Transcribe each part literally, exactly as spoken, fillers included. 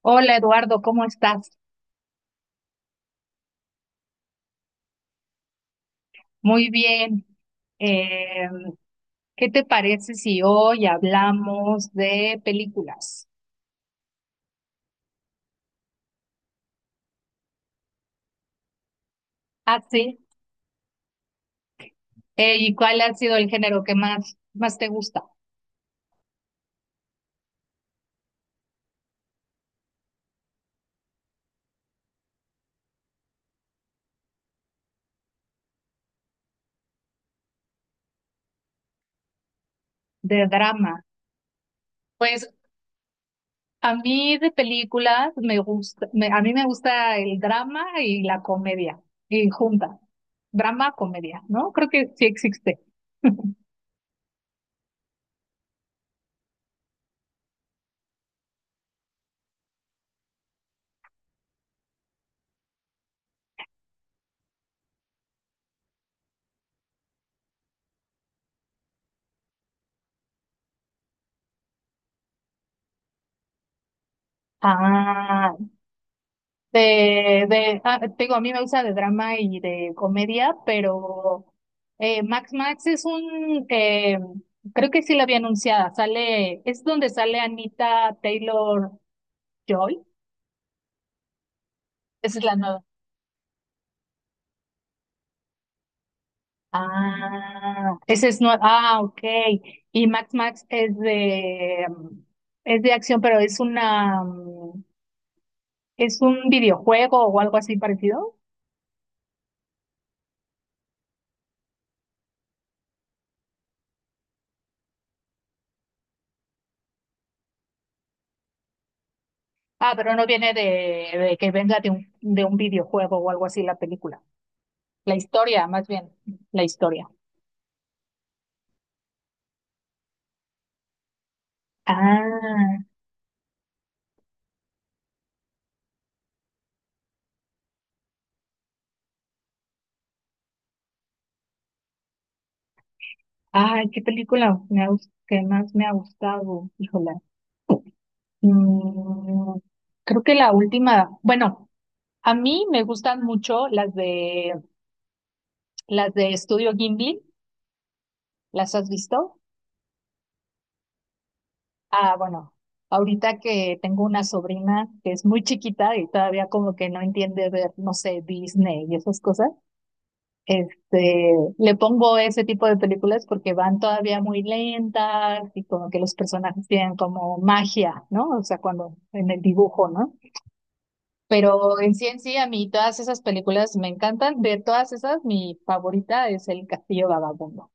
Hola Eduardo, ¿cómo estás? Muy bien. Eh, ¿qué te parece si hoy hablamos de películas? Ah, sí. Eh, ¿y cuál ha sido el género que más, más te gusta? De drama. Pues a mí de películas me gusta, me- a mí me gusta el drama y la comedia, y junta. Drama, comedia, ¿no? Creo que sí existe. Ah, De, de, ah, te digo, a mí me gusta de drama y de comedia, pero eh, Max Max es un, eh, creo que sí la había anunciada, sale, es donde sale Anita Taylor Joy, esa es la nueva. Ah, esa es nueva, ah, ok. Y Max Max es de, mm, es de acción, pero es una, mm, es un videojuego o algo así parecido. Ah, pero no viene de, de que venga de un, de un videojuego o algo así la película. La historia, más bien, la historia. Ah, ay, qué película me ha, gus- que más me ha gustado, híjola. Mm, creo que la última, bueno, a mí me gustan mucho las de las de Estudio Ghibli, ¿las has visto? Ah, bueno, ahorita que tengo una sobrina que es muy chiquita y todavía como que no entiende ver, no sé, Disney y esas cosas. Este, le pongo ese tipo de películas porque van todavía muy lentas y como que los personajes tienen como magia, ¿no? O sea, cuando en el dibujo, ¿no? Pero en sí, en sí, a mí todas esas películas me encantan. De todas esas, mi favorita es El Castillo Vagabundo.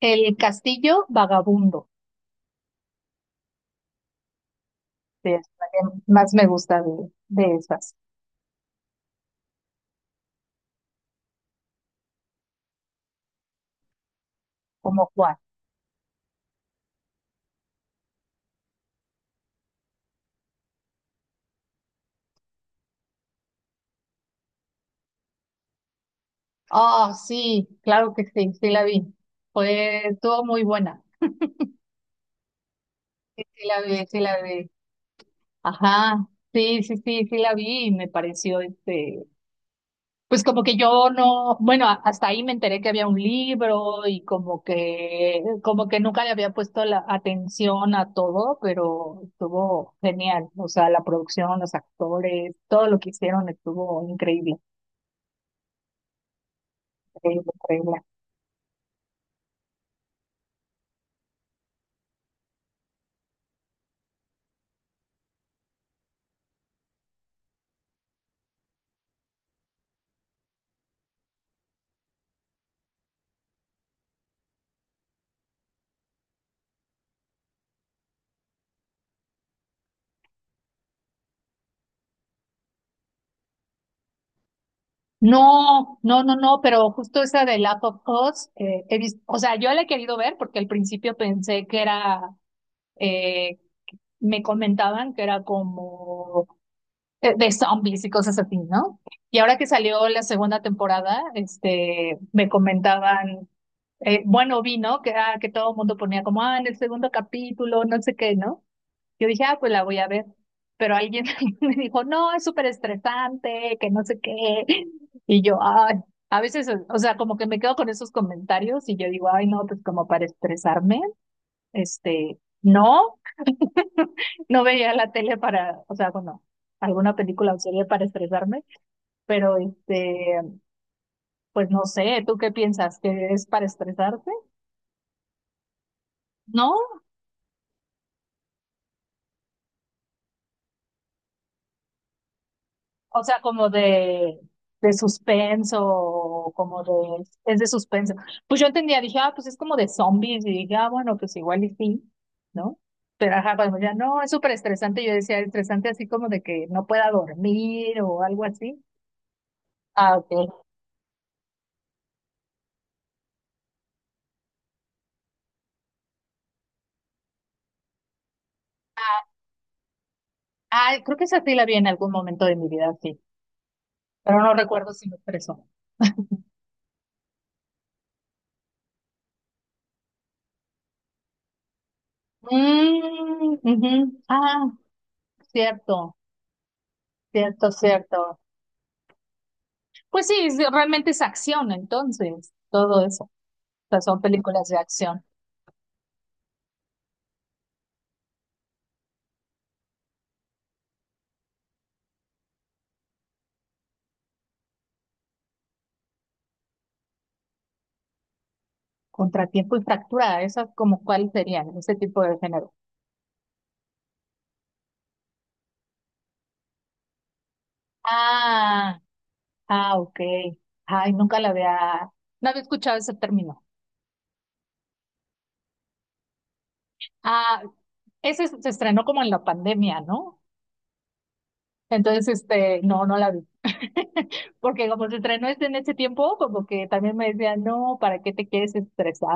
El Castillo Vagabundo, sí, es la que más me gusta de, de esas, como Juan. Oh sí, claro que sí, sí la vi. Fue, estuvo muy buena. Sí la vi, sí la vi. Ajá, sí, sí, sí, sí la vi y me pareció este, pues como que yo no, bueno, a- hasta ahí me enteré que había un libro y como que, como que nunca le había puesto la atención a todo, pero estuvo genial, o sea, la producción, los actores, todo lo que hicieron estuvo increíble, increíble, increíble. No, no, no, no, pero justo esa de Last of Us, eh, he visto, o sea, yo la he querido ver porque al principio pensé que era eh, me comentaban que era como eh, de zombies y cosas así, ¿no? Y ahora que salió la segunda temporada, este, me comentaban, eh, bueno, vi, ¿no? Que, ah, que todo el mundo ponía como, ah, en el segundo capítulo, no sé qué, ¿no? Yo dije, ah, pues la voy a ver. Pero alguien me dijo, no, es súper estresante, que no sé qué. Y yo, ay, a veces, o sea, como que me quedo con esos comentarios y yo digo, ay, no, pues como para estresarme, este, no, no veía la tele para, o sea, bueno, alguna película o serie para estresarme, pero este, pues no sé, ¿tú qué piensas? ¿Que es para estresarte? ¿No? O sea, como de, de suspenso, como de, es de suspenso. Pues yo entendía, dije, ah, pues es como de zombies, y dije, ah, bueno, pues igual y sí, ¿no? Pero ajá, cuando ya no, es súper estresante, yo decía, estresante así como de que no pueda dormir o algo así. Ah, ok. Ah, creo que esa sí la vi en algún momento de mi vida, sí, pero no recuerdo si me expresó. Mm, ujú. Ah, cierto, cierto, cierto. Pues sí, es- realmente es acción, entonces, todo eso. O sea, son películas de acción. Contratiempo y fractura, esas como cuáles serían, ese tipo de género. Ah, ah, ok. Ay, nunca la había, no había escuchado ese término. Ah, ese se estrenó como en la pandemia, ¿no? Entonces, este, no, no la vi. Porque como se estrenó este en ese tiempo, como que también me decían, no, ¿para qué te quieres estresar?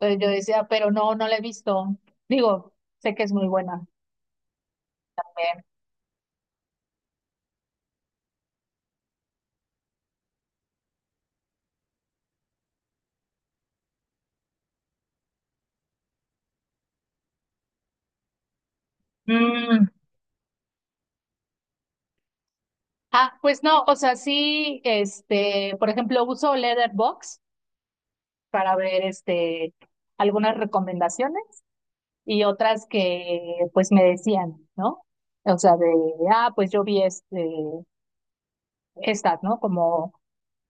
Entonces yo decía, pero no, no la he visto. Digo, sé que es muy buena. También. Mm. Ah, pues no, o sea, sí, este, por ejemplo, uso Letterboxd para ver, este, algunas recomendaciones y otras que, pues, me decían, ¿no? O sea, de, ah, pues yo vi este, estas, ¿no? Como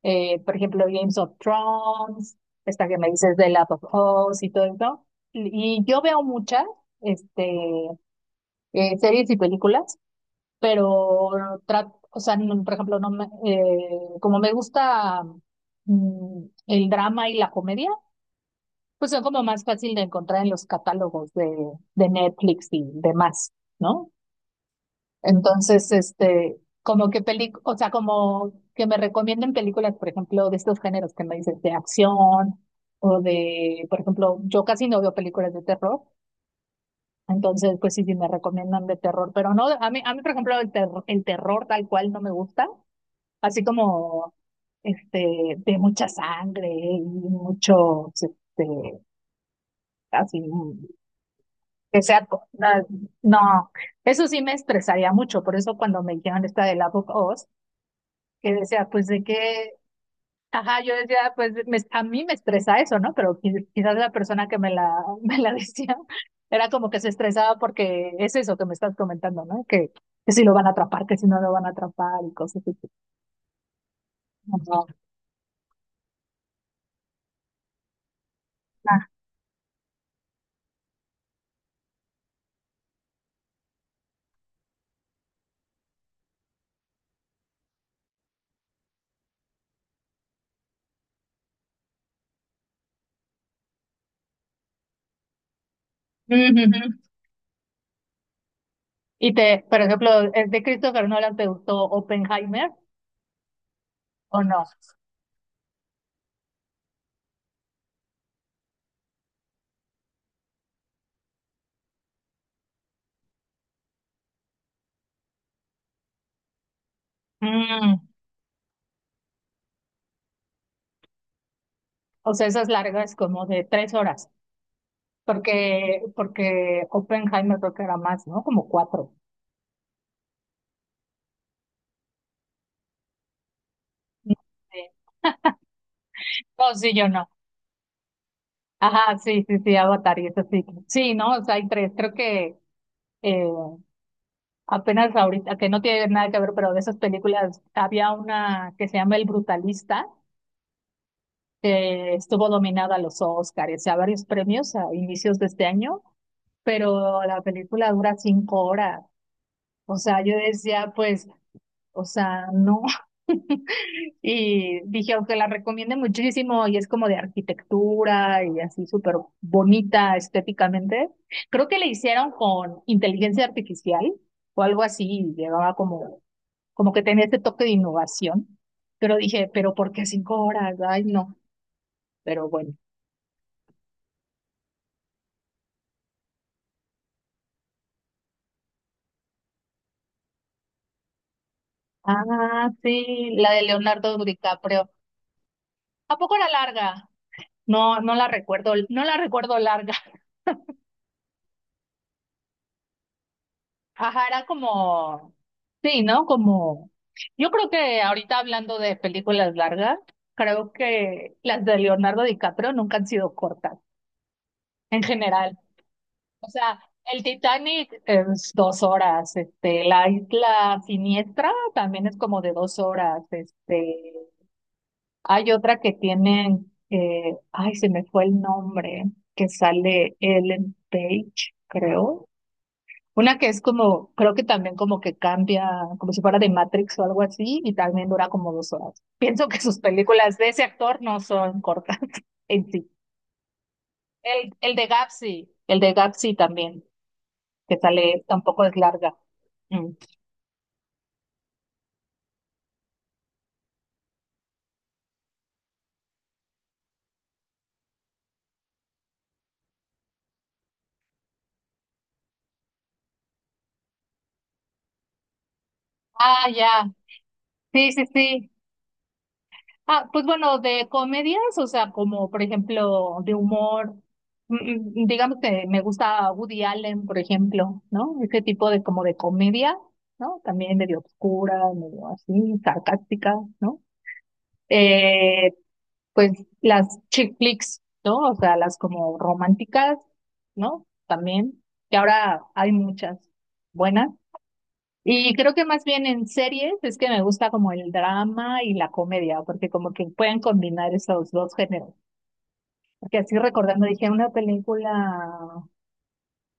eh, por ejemplo, Games of Thrones, esta que me dices de Last of Us y todo eso. Y yo veo muchas este, eh, series y películas, pero trato, o sea, no- por ejemplo, no me, eh, como me gusta mm, el drama y la comedia, pues son como más fácil de encontrar en los catálogos de, de Netflix y demás, ¿no? Entonces, este, como que peli, o sea, como que me recomienden películas, por ejemplo, de estos géneros que me dices, de acción o de, por ejemplo, yo casi no veo películas de terror, entonces, pues sí, sí me recomiendan de terror, pero no, a mí, a mí, por ejemplo, el terror, el terror tal cual no me gusta, así como, este, de mucha sangre y mucho, este, así, que sea, co- no, no, eso sí me estresaría mucho, por eso cuando me dijeron esta de la of Us, que decía, pues de qué, ajá, yo decía, pues me- a mí me estresa eso, ¿no? Pero qui- quizás la persona que me la, me la decía era como que se estresaba porque es eso que me estás comentando, ¿no? Que, que si lo van a atrapar, que si no lo van a atrapar y cosas así. Ajá. Ah, ujú, ujú. Y te, por ejemplo, ¿el de Christopher Nolan te gustó Oppenheimer o no? Mm, o sea, esas largas como de tres horas, porque, porque Oppenheimer creo que era más, ¿no? Como cuatro. No sé. No, sí, yo no. Ajá, sí, sí, sí, Avatar y eso sí. Sí, no, o sea, hay tres. Creo que eh, apenas ahorita, que no tiene nada que ver, pero de esas películas había una que se llama El Brutalista, que estuvo nominada a los Oscars y a varios premios a inicios de este año, pero la película dura cinco horas. O sea, yo decía, pues o sea, no. Y dije, aunque la recomiende muchísimo y es como de arquitectura y así súper bonita estéticamente, creo que le hicieron con inteligencia artificial o algo así, y llevaba como, como que tenía este toque de innovación, pero dije, pero ¿por qué cinco horas? Ay, no, pero bueno. Ah, sí, la de Leonardo DiCaprio. ¿A poco era larga? No, no la recuerdo, no la recuerdo larga. Ajá, era como sí, ¿no? Como yo creo que ahorita hablando de películas largas, creo que las de Leonardo DiCaprio nunca han sido cortas, en general. O sea, el Titanic es dos horas, este, la Isla Siniestra también es como de dos horas, este, hay otra que tienen, eh, ay, se me fue el nombre, que sale Ellen Page, creo. Una que es como, creo que también como que cambia, como si fuera de Matrix o algo así, y también dura como dos horas. Pienso que sus películas de ese actor no son cortas en sí. El, el de Gapsi, el de Gapsi también, que sale, tampoco es larga. Mm. Ah, ya. Sí, sí, sí. Ah, pues bueno, de comedias, o sea, como por ejemplo de humor, mm, mm, digamos que me gusta Woody Allen, por ejemplo, ¿no? Ese tipo de como de comedia, ¿no? También medio oscura, medio así, sarcástica, ¿no? Eh, pues las chick flicks, ¿no? O sea, las como románticas, ¿no? También, que ahora hay muchas buenas. Y creo que más bien en series es que me gusta como el drama y la comedia, porque como que pueden combinar esos dos géneros. Porque así recordando, dije, una película,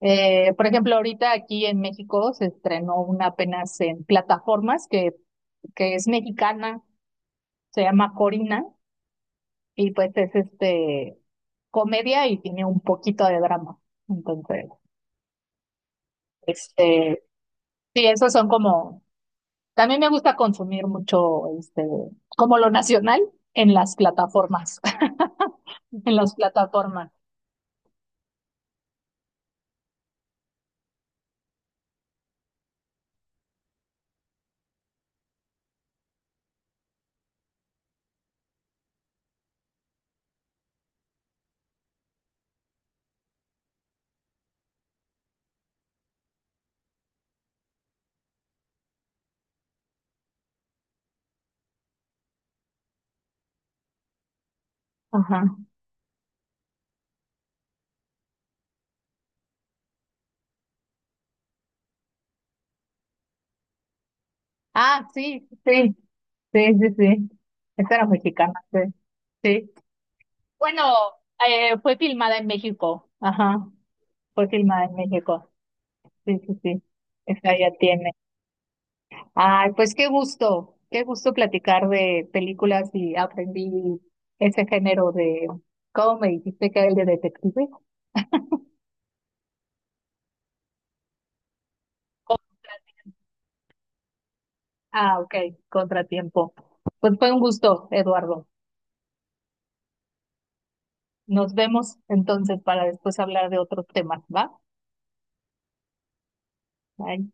eh, por ejemplo, ahorita aquí en México se estrenó una apenas en plataformas que, que es mexicana, se llama Corina, y pues es este comedia y tiene un poquito de drama. Entonces, este, sí, esos son como también me gusta consumir mucho, este, como lo nacional en las plataformas, en las plataformas. Ajá. Ah, sí, sí, sí, sí, sí. Esta era mexicana, sí, sí. Bueno, eh, fue filmada en México. Ajá, fue filmada en México. Sí, sí, sí. Esta ya tiene. Ay, pues qué gusto, qué gusto platicar de películas y aprendí ese género de, ¿cómo me dijiste que era el de detective? Ah, ok, contratiempo. Pues fue un gusto, Eduardo. Nos vemos entonces para después hablar de otros temas, ¿va? Bye.